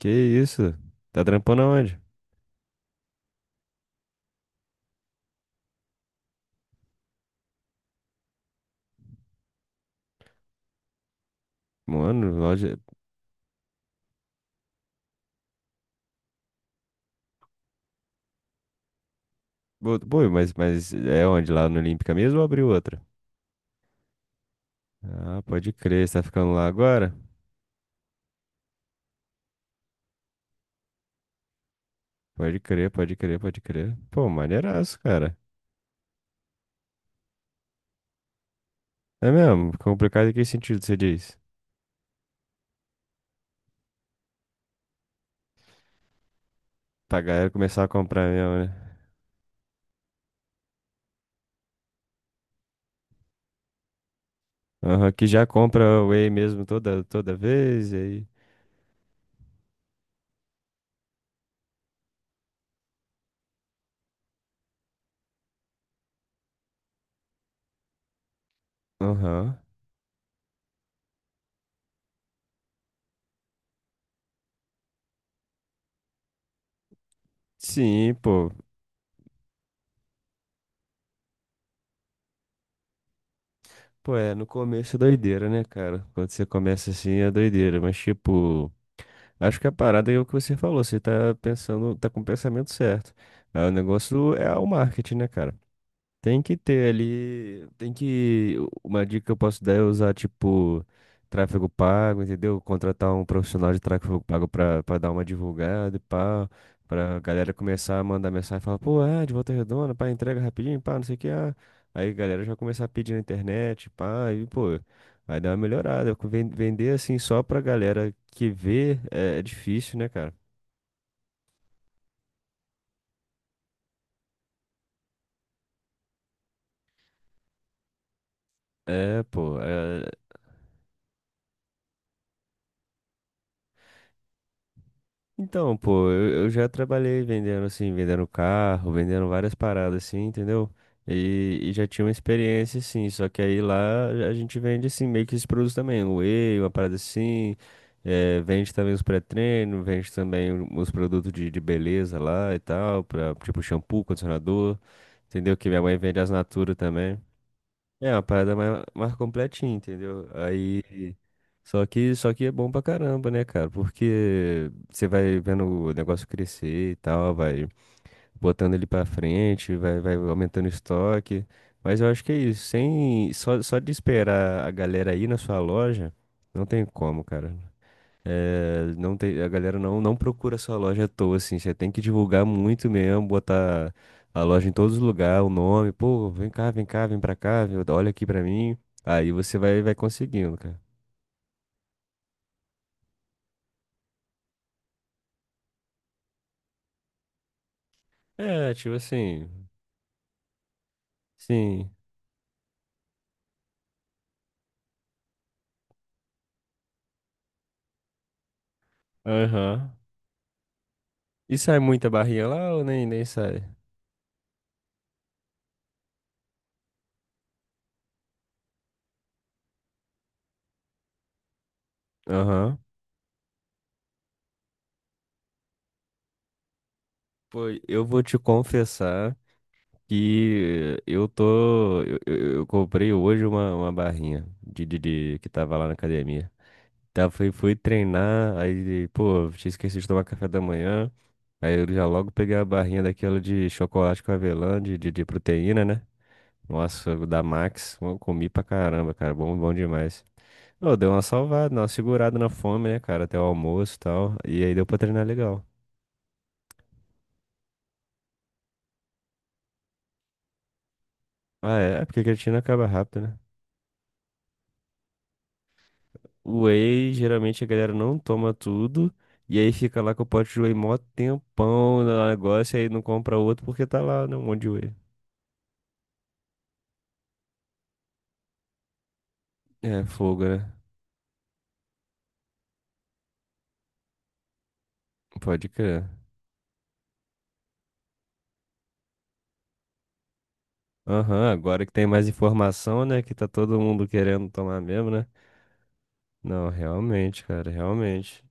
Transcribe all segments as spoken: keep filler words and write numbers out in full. Que isso? Tá trampando aonde? Mano, loja. Pô, pô, mas, mas é onde? Lá no Olímpica mesmo ou abriu outra? Ah, pode crer, você tá ficando lá agora? Pode crer, pode crer, pode crer. Pô, maneiraço, cara. É mesmo? Complicado em que sentido você diz? Pra galera começar a comprar mesmo, né? Aham, que já compra whey mesmo toda, toda vez, e aí. Aham. Sim, pô. Pô, é, no começo é doideira, né, cara? Quando você começa assim é doideira, mas tipo. Acho que a parada é o que você falou, você tá pensando, tá com o pensamento certo. Ah, o negócio é o marketing, né, cara? Tem que ter ali, tem que, uma dica que eu posso dar é usar, tipo, tráfego pago, entendeu? Contratar um profissional de tráfego pago pra, pra dar uma divulgada e pá, pra galera começar a mandar mensagem e falar, pô, é, de Volta Redonda, pá, entrega rapidinho, pá, não sei o que, ah. Aí a galera já começar a pedir na internet, pá, e pô, vai dar uma melhorada. Ven- Vender assim só pra galera que vê é, é difícil, né, cara? É, pô, é, Então, pô, eu, eu já trabalhei vendendo, assim, vendendo carro, vendendo várias paradas, assim, entendeu? E, e já tinha uma experiência, assim, só que aí lá a gente vende, assim, meio que esses produtos também, o whey, uma parada assim, eh, vende também os pré-treinos, vende também o- os produtos de, de beleza lá e tal, pra, tipo shampoo, condicionador, entendeu? Que minha mãe vende as Natura também. É uma parada mais, mais completinha, entendeu? Aí. Só que, só que é bom pra caramba, né, cara? Porque você vai vendo o negócio crescer e tal, vai botando ele pra frente, vai, vai aumentando o estoque. Mas eu acho que é isso. Sem, só, só de esperar a galera ir na sua loja, não tem como, cara. É, não tem, a galera não, não procura sua loja à toa, assim. Você tem que divulgar muito mesmo, botar a loja em todos os lugares, o nome. Pô, vem cá, vem cá, vem pra cá, viu? Olha aqui pra mim. Aí você vai, vai conseguindo, cara. É, tipo assim. Sim. Aham. E sai muita barrinha lá ou nem, nem sai? Aham. Pô, eu vou te confessar que eu tô. Eu, eu- eu comprei hoje uma, uma barrinha de, de, de- que tava lá na academia. Tá, fui, fui treinar, aí, pô, tinha esquecido de tomar café da manhã. Aí eu já logo peguei a barrinha daquela de chocolate com avelã, de, de, de proteína, né? Nossa, da Max, eu comi pra caramba, cara, bom, bom demais. Ô, deu uma salvada, uma segurada na fome, né, cara, até o almoço e tal. E aí deu pra treinar legal. Ah, é, é porque a creatina acaba rápido, né? O whey, geralmente a galera não toma tudo. E aí fica lá com o pote de whey mó tempão no negócio, e aí não compra outro porque tá lá, né, um monte de whey. É, fogo, né? Pode crer. Aham, agora que tem mais informação, né? Que tá todo mundo querendo tomar mesmo, né? Não, realmente, cara, realmente.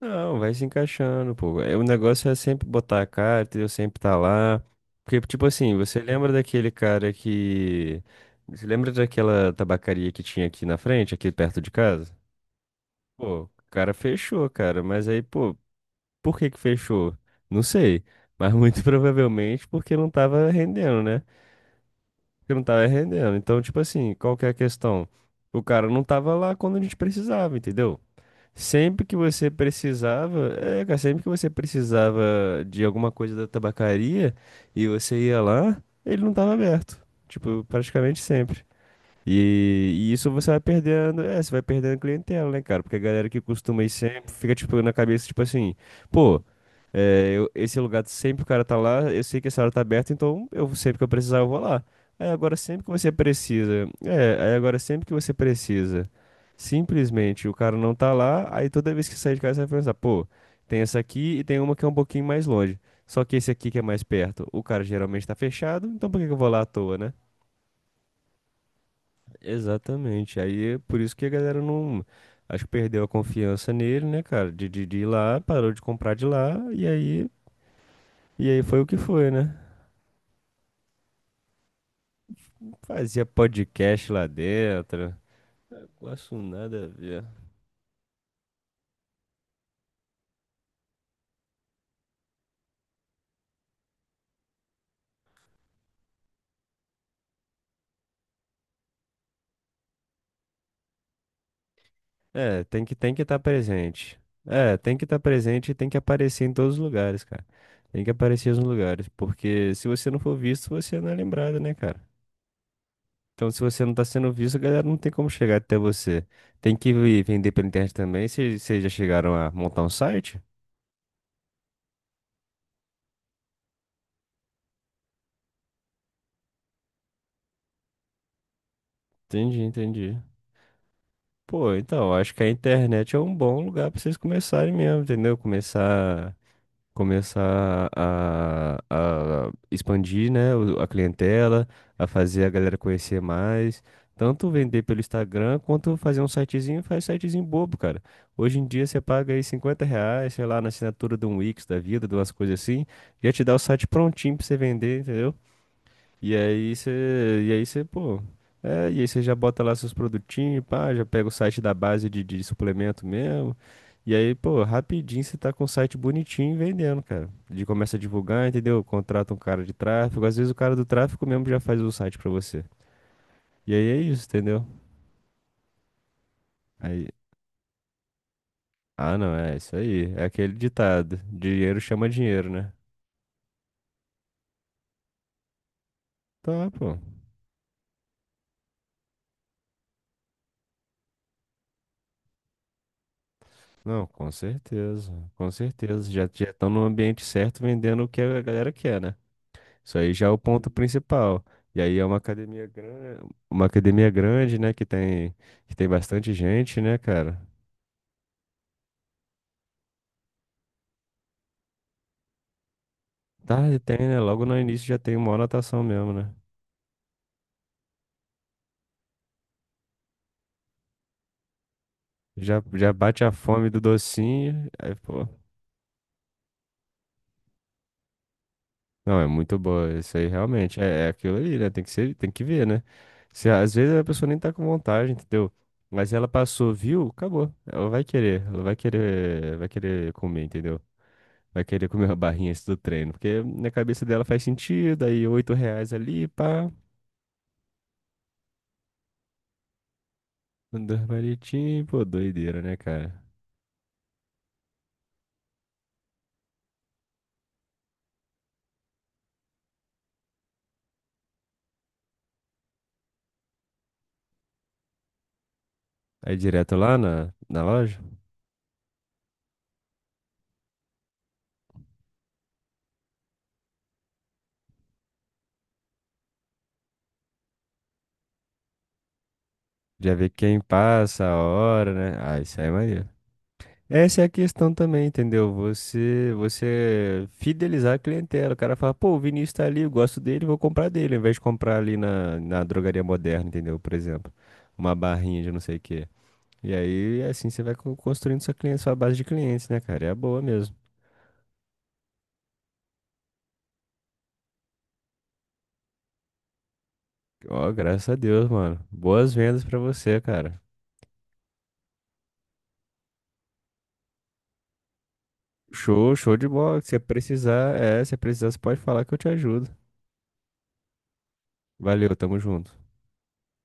Não, vai se encaixando, pô. É, o negócio é sempre botar a cara, entendeu? Sempre tá lá. Porque, tipo assim, você lembra daquele cara que. Você lembra daquela tabacaria que tinha aqui na frente, aqui perto de casa? Pô, o cara fechou, cara. Mas aí, pô, por que que fechou? Não sei. Mas muito provavelmente porque não tava rendendo, né? Porque não tava rendendo. Então, tipo assim, qual que é a questão? O cara não tava lá quando a gente precisava, entendeu? Sempre que você precisava, é, cara, sempre que você precisava de alguma coisa da tabacaria e você ia lá, ele não tava aberto. Tipo, praticamente sempre. E, e isso você vai perdendo, é, você vai perdendo clientela, né, cara? Porque a galera que costuma ir sempre fica, tipo, na cabeça, tipo assim, pô, é, eu- esse lugar sempre o cara tá lá, eu sei que essa hora tá aberta, então eu sempre que eu precisar eu vou lá. Aí agora sempre que você precisa, é, aí agora sempre que você precisa, simplesmente o cara não tá lá, aí toda vez que sair de casa você vai pensar, pô, tem essa aqui e tem uma que é um pouquinho mais longe. Só que esse aqui que é mais perto, o cara geralmente tá fechado, então por que que eu vou lá à toa, né? Exatamente. Aí é por isso que a galera não. Acho que perdeu a confiança nele, né, cara? De, de, de ir lá, parou de comprar de lá, e aí, e aí, foi o que foi, né? Fazia podcast lá dentro. É, quase nada a ver. É, tem que tem que estar presente. É, tem que estar presente e tem que aparecer em todos os lugares, cara. Tem que aparecer nos lugares, porque se você não for visto, você não é lembrado, né, cara? Então, se você não tá sendo visto, a galera não tem como chegar até você. Tem que vi- vender pela internet também. Vocês vocês já chegaram a montar um site? Entendi, entendi. Pô, então, acho que a internet é um bom lugar pra vocês começarem mesmo, entendeu? Começar. Começar a, a expandir, né, o- a clientela, a fazer a galera conhecer mais, tanto vender pelo Instagram quanto fazer um sitezinho, faz um sitezinho bobo, cara. Hoje em dia você paga aí cinquenta reais, sei lá, na assinatura de um Wix da vida, de umas coisas assim, já te dá o site prontinho pra você vender, entendeu? E aí você, e aí você, pô, é, e aí você já bota lá seus produtinhos, pá, já pega o site da base de, de suplemento mesmo. E aí, pô, rapidinho você tá com o site bonitinho vendendo, cara. De começa a divulgar, entendeu? Contrata um cara de tráfego, às vezes o cara do tráfego mesmo já faz o site pra você. E aí é isso, entendeu? Aí, ah, não, é isso aí. É aquele ditado, dinheiro chama dinheiro, né? Tá, pô. Não, com certeza, com certeza. Já já estão no ambiente certo vendendo o que a galera quer, né? Isso aí já é o ponto principal. E aí é uma academia grande, uma academia grande, né, que tem que tem bastante gente, né, cara? Tá, tem, né? Logo no início já tem uma anotação mesmo, né? Já já bate a fome do docinho, aí, pô. Não, é muito boa, isso aí realmente é, é aquilo ali, né? Tem que ser, tem que ver, né? Se, às vezes a pessoa nem tá com vontade, entendeu? Mas ela passou, viu? Acabou. Ela vai querer, ela vai querer, vai querer comer, entendeu? Vai querer comer uma barrinha antes do treino. Porque na cabeça dela faz sentido. Aí, oito reais ali, pá. um Dois palitinhos. Pô, doideira, né, cara? Aí, direto lá na, na loja. Já vê quem passa, a hora, né? Ah, isso aí é maneiro. Essa é a questão também, entendeu? Você, você fidelizar a clientela. O cara fala, pô, o Vinícius tá ali, eu gosto dele, vou comprar dele. Ao invés de comprar ali na, na drogaria moderna, entendeu? Por exemplo, uma barrinha de não sei o quê. E aí, assim, você vai co- construindo sua cliente, sua base de clientes, né, cara? E é boa mesmo. Ó, graças a Deus, mano. Boas vendas pra você, cara. Show, show de bola. Se precisar, é, se precisar, você pode falar que eu te ajudo. Valeu, tamo junto.